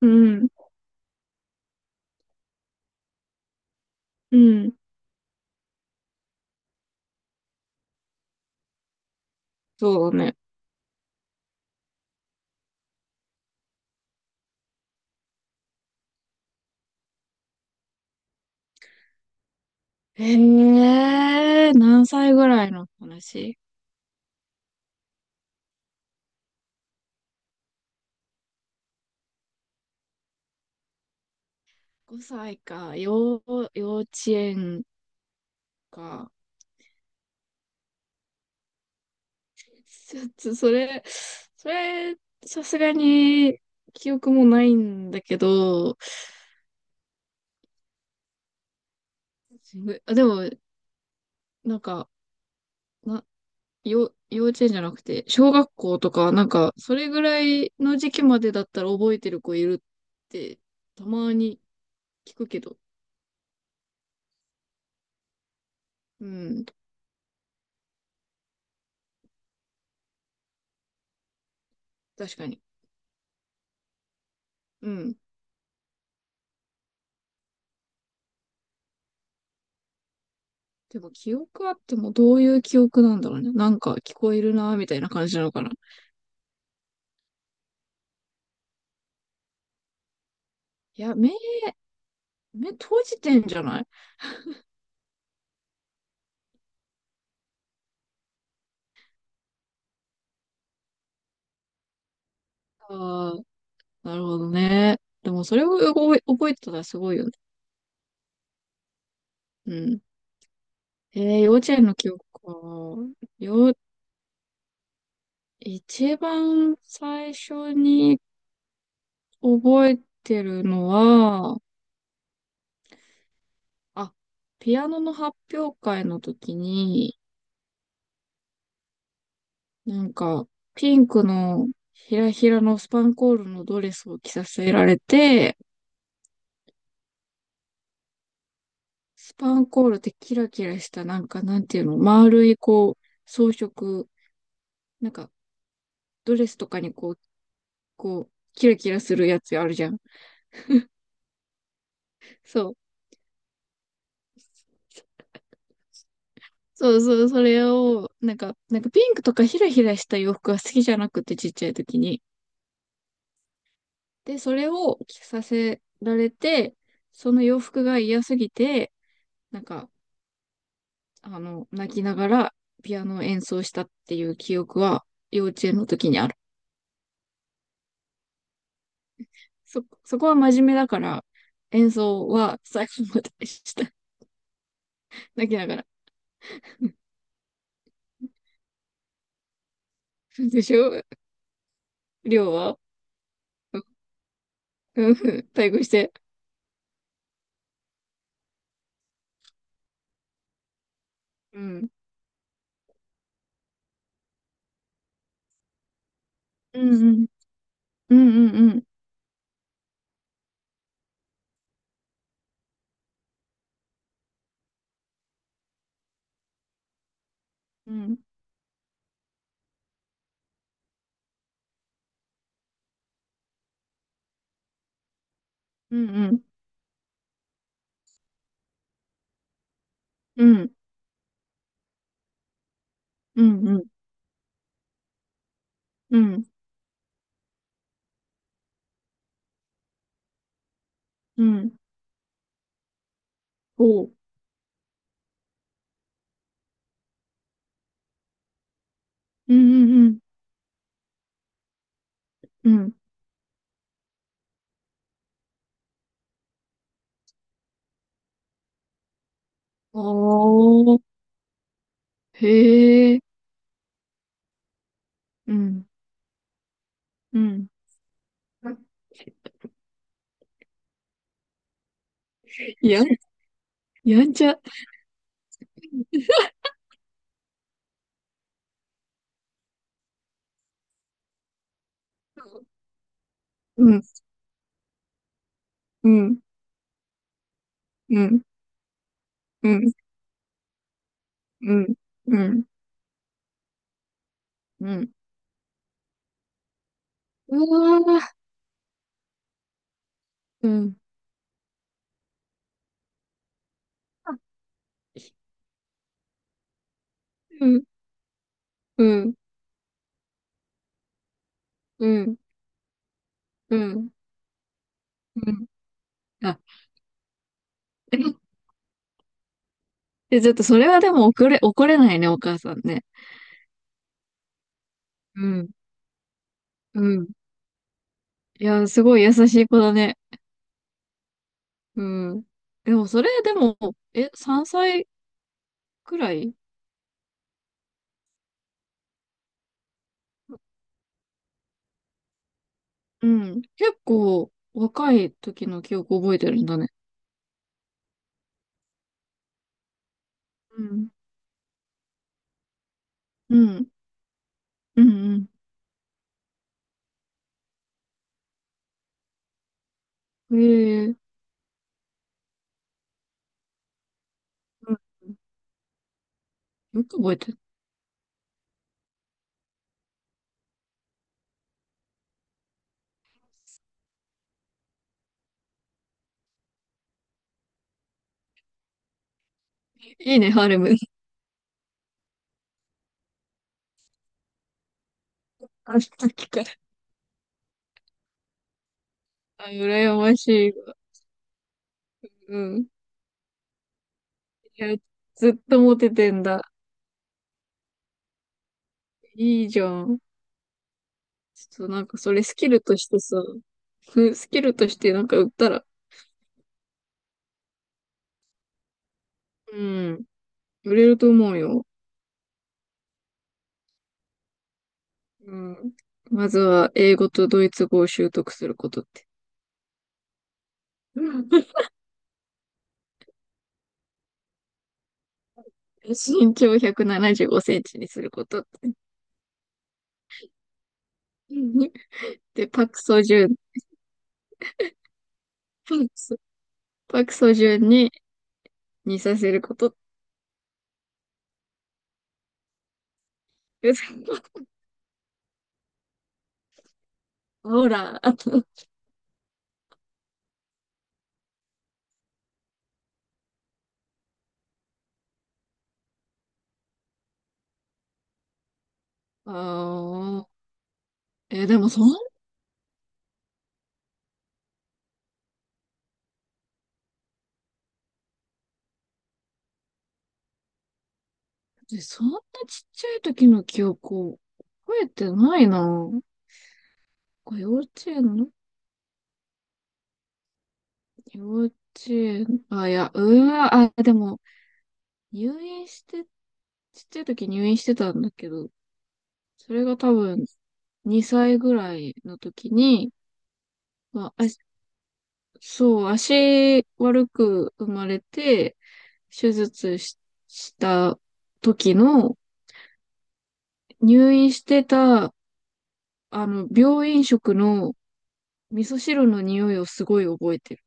うん、うん、そうね。ええー何歳ぐらいの話？ 5 歳か、幼稚園か。ちょっとそれ、さすがに記憶もないんだけど、あ、でも、なんか、な、幼稚園じゃなくて、小学校とか、なんか、それぐらいの時期までだったら覚えてる子いるって、たまに聞くけど。うん、確かに。うん。でも記憶あってもどういう記憶なんだろうね。なんか聞こえるな、みたいな感じなのかな。いや、目閉じてんじゃない？ああ、なるほどね。でもそれを覚えてたらすごいよね。うん。幼稚園の記憶か。一番最初に覚えてるのは、あ、ピアノの発表会の時に、なんか、ピンクのひらひらのスパンコールのドレスを着させられて、スパンコールってキラキラした、なんか、なんていうの、丸い、こう、装飾、なんか、ドレスとかにこう、キラキラするやつあるじゃん。そう。そうそう、それを、なんか、ピンクとかヒラヒラした洋服が好きじゃなくて、ちっちゃい時に。で、それを着させられて、その洋服が嫌すぎて、なんか、泣きながらピアノを演奏したっていう記憶は、幼稚園の時にある。そこは真面目だから、演奏は最後までした。泣きながら。でしょ。りょうは、うん、対抗して。うん。うんうん。うんうんうん。うんうんうん。うんうん。うんうん。おう。うんうんうん。うん。おー。へえ。うん。うん。や、やんちゃ。うん。うん。うん。うん。うん。うん。うん。うわー。うん。うん。うん、うん、うん、うん。あ、で、ちょっとそれはでも怒れないね、お母さんね。うん、うん。いや、すごい優しい子だね。うん。でもそれでも、3歳くらい。うん。結構若い時の記憶覚えてるんだね。うん。うん。うん、うん。ええ、うん。よく覚えてる。いいね、ハーレム。あの時から。あ、羨ましいわ。うん。いや、ずっとモテてんだ。いいじゃん。ちょっとなんかそれスキルとしてさ、スキルとしてなんか売ったら、うん、売れると思うよ。うん。まずは英語とドイツ語を習得することって。うん 身長175センチにすること。うん で、パクソ、パクソジュンに似させること。 ほら、ああ、でもそんなちっちゃい時の記憶を覚えてないな。これ幼稚園、あ、いや、うわ、あ、でも、入院して、ちっちゃい時入院してたんだけど、それが多分、2歳ぐらいの時に、まあ、あ、そう、足悪く生まれて、手術し、した時の、入院してた、病院食の味噌汁の匂いをすごい覚えてる。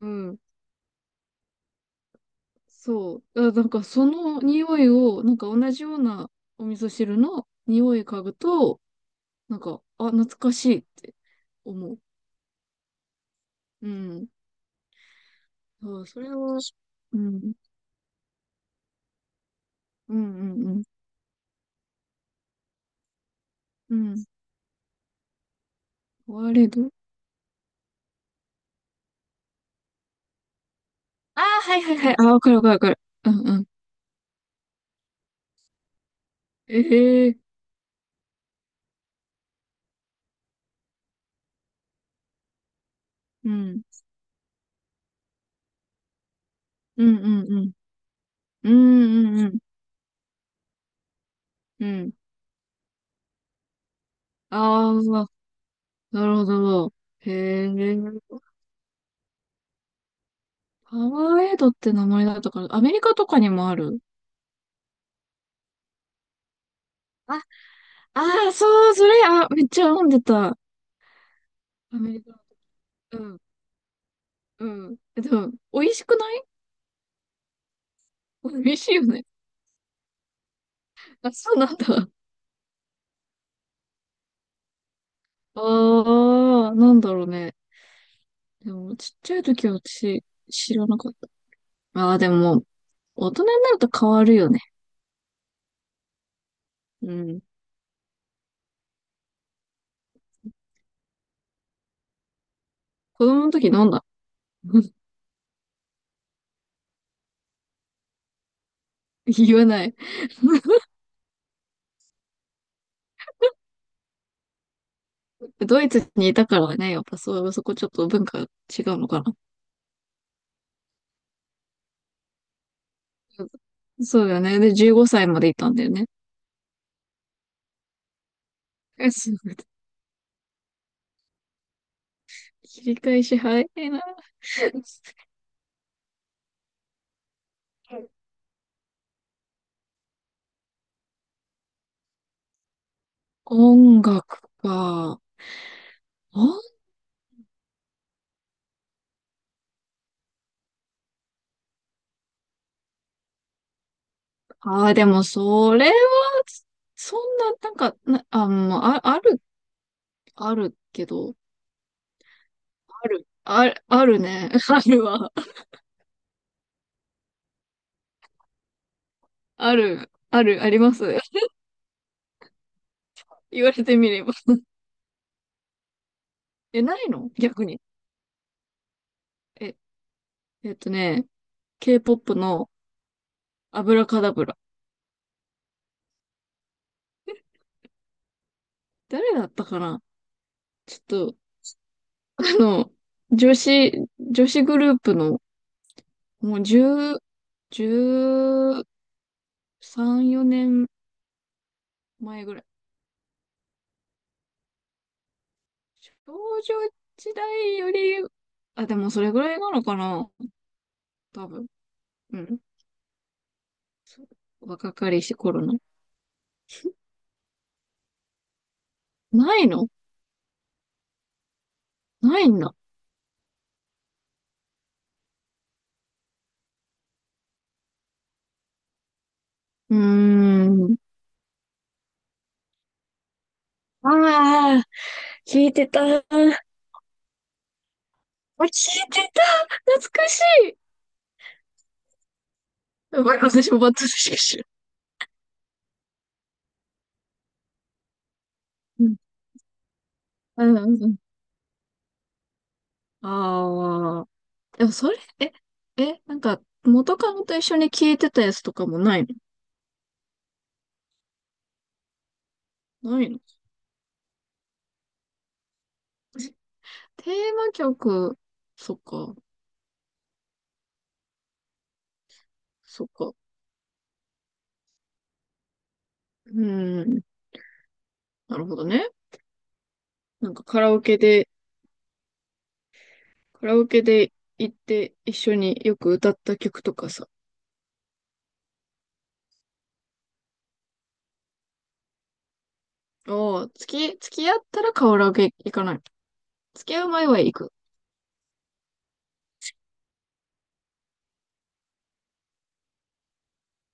うん。そう。あ、なんかその匂いを、なんか同じようなお味噌汁の匂い嗅ぐと、なんか、あ、懐かしいって思う。うん。そう、それは、うん。うんうんうん。うん。ワレド。ああ、はいはいはい。ああ、わかるわかるわかる。うんうん。ええ、うん。うんうんうん。うんうんうん。うん。ああ、なるほど。へえ。パワーエイドって名前だったから、アメリカとかにもある。ああ、そう、それ、あ、めっちゃ飲んでた。アメリカの。うん、うん。でも、美味しくない？美味しいよね。あ、そうなんだ。ああ、なんだろうね。でも、ちっちゃい時は私、知らなかった。ああ、でも、大人になると変わるよね。うん。子供の時飲んだ。言わない。ドイツにいたからね、やっぱそう、そこちょっと文化違うのかな。うん、そうだよね。で、15歳までいたんだよね。そう、切り返し早いな。音楽か。ああー、でも、それは、そんな、なんか、あ、もうあ、あある、あるけど、ある、ある、あるね。あるわ。ある、ある、あります。言われてみれば。ないの逆に？え、えっとね、K-POP のアブラカダブラ。誰だったかな。ちょっと、あの、女子、女子グループの、もう10、13、4年前ぐらい。少女時代より、あ、でもそれぐらいなのかな、多分。うん。若かりし頃の。ないの？ないんだ。うーん。ああ、聞いてた。あ、聞いてた。懐かしい。やばい、私もバッドしか知らん。うん。うん。うん、ああ。でもそれ、なんか、元カノと一緒に聞いてたやつとかもないの？ないの？テーマ曲、そっか、そっか。うーん。なるほどね。なんかカラオケで行って一緒によく歌った曲とかさ。おー、付き合ったらカラオケ行かない？付き合う前は行く。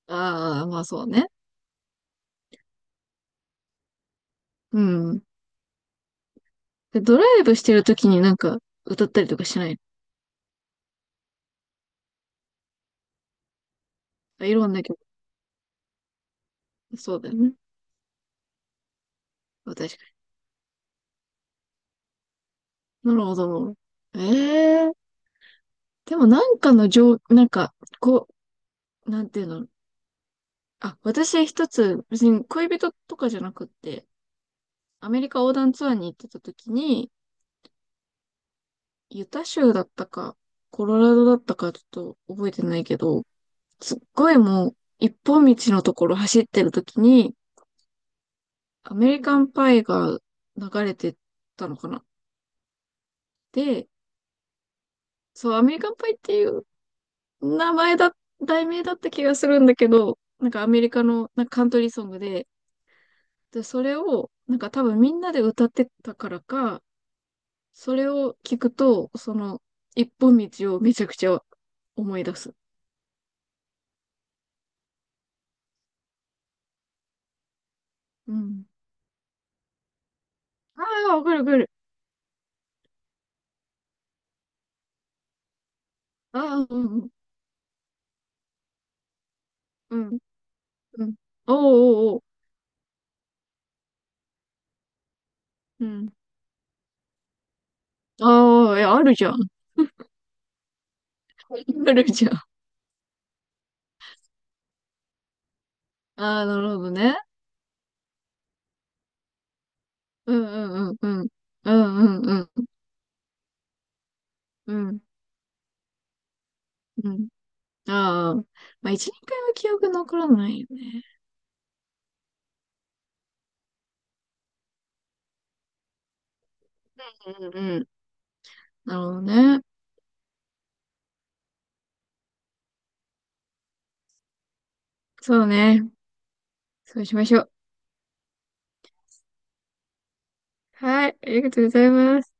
ああ、まあそうね。うん。で、ドライブしてる時になんか歌ったりとかしない？あ、いろんな曲。そうだよね。あ、確かに。なるほど。ええー。でもなんかのなんか、こう、なんていうの。あ、私一つ、別に恋人とかじゃなくって、アメリカ横断ツアーに行ってた時に、ユタ州だったか、コロラドだったか、ちょっと覚えてないけど、すっごいもう、一本道のところ走ってるときに、アメリカンパイが流れてたのかな。で、そう、アメリカンパイっていう名前だ、題名だった気がするんだけど、なんかアメリカのなんかカントリーソングで、で、それを、なんか多分みんなで歌ってたからか、それを聞くと、その、一本道をめちゃくちゃ思い出す。うん。ああ、わかるわかる。ああ、うんうん、うん、うん。おうおうおう。うん。ああ、あるじゃん。あるじゃん。ああ、なるほどね。うんうんうん、おおおおう、うん、ああ、や、あるじゃん、あるじゃん、ああ、なるほどね、うんうんうん。うんうん。ああ。まあ、一、二回は記憶残らないよね。うんうん。なるほどね。そうね。そうしましょう。はい。ありがとうございます。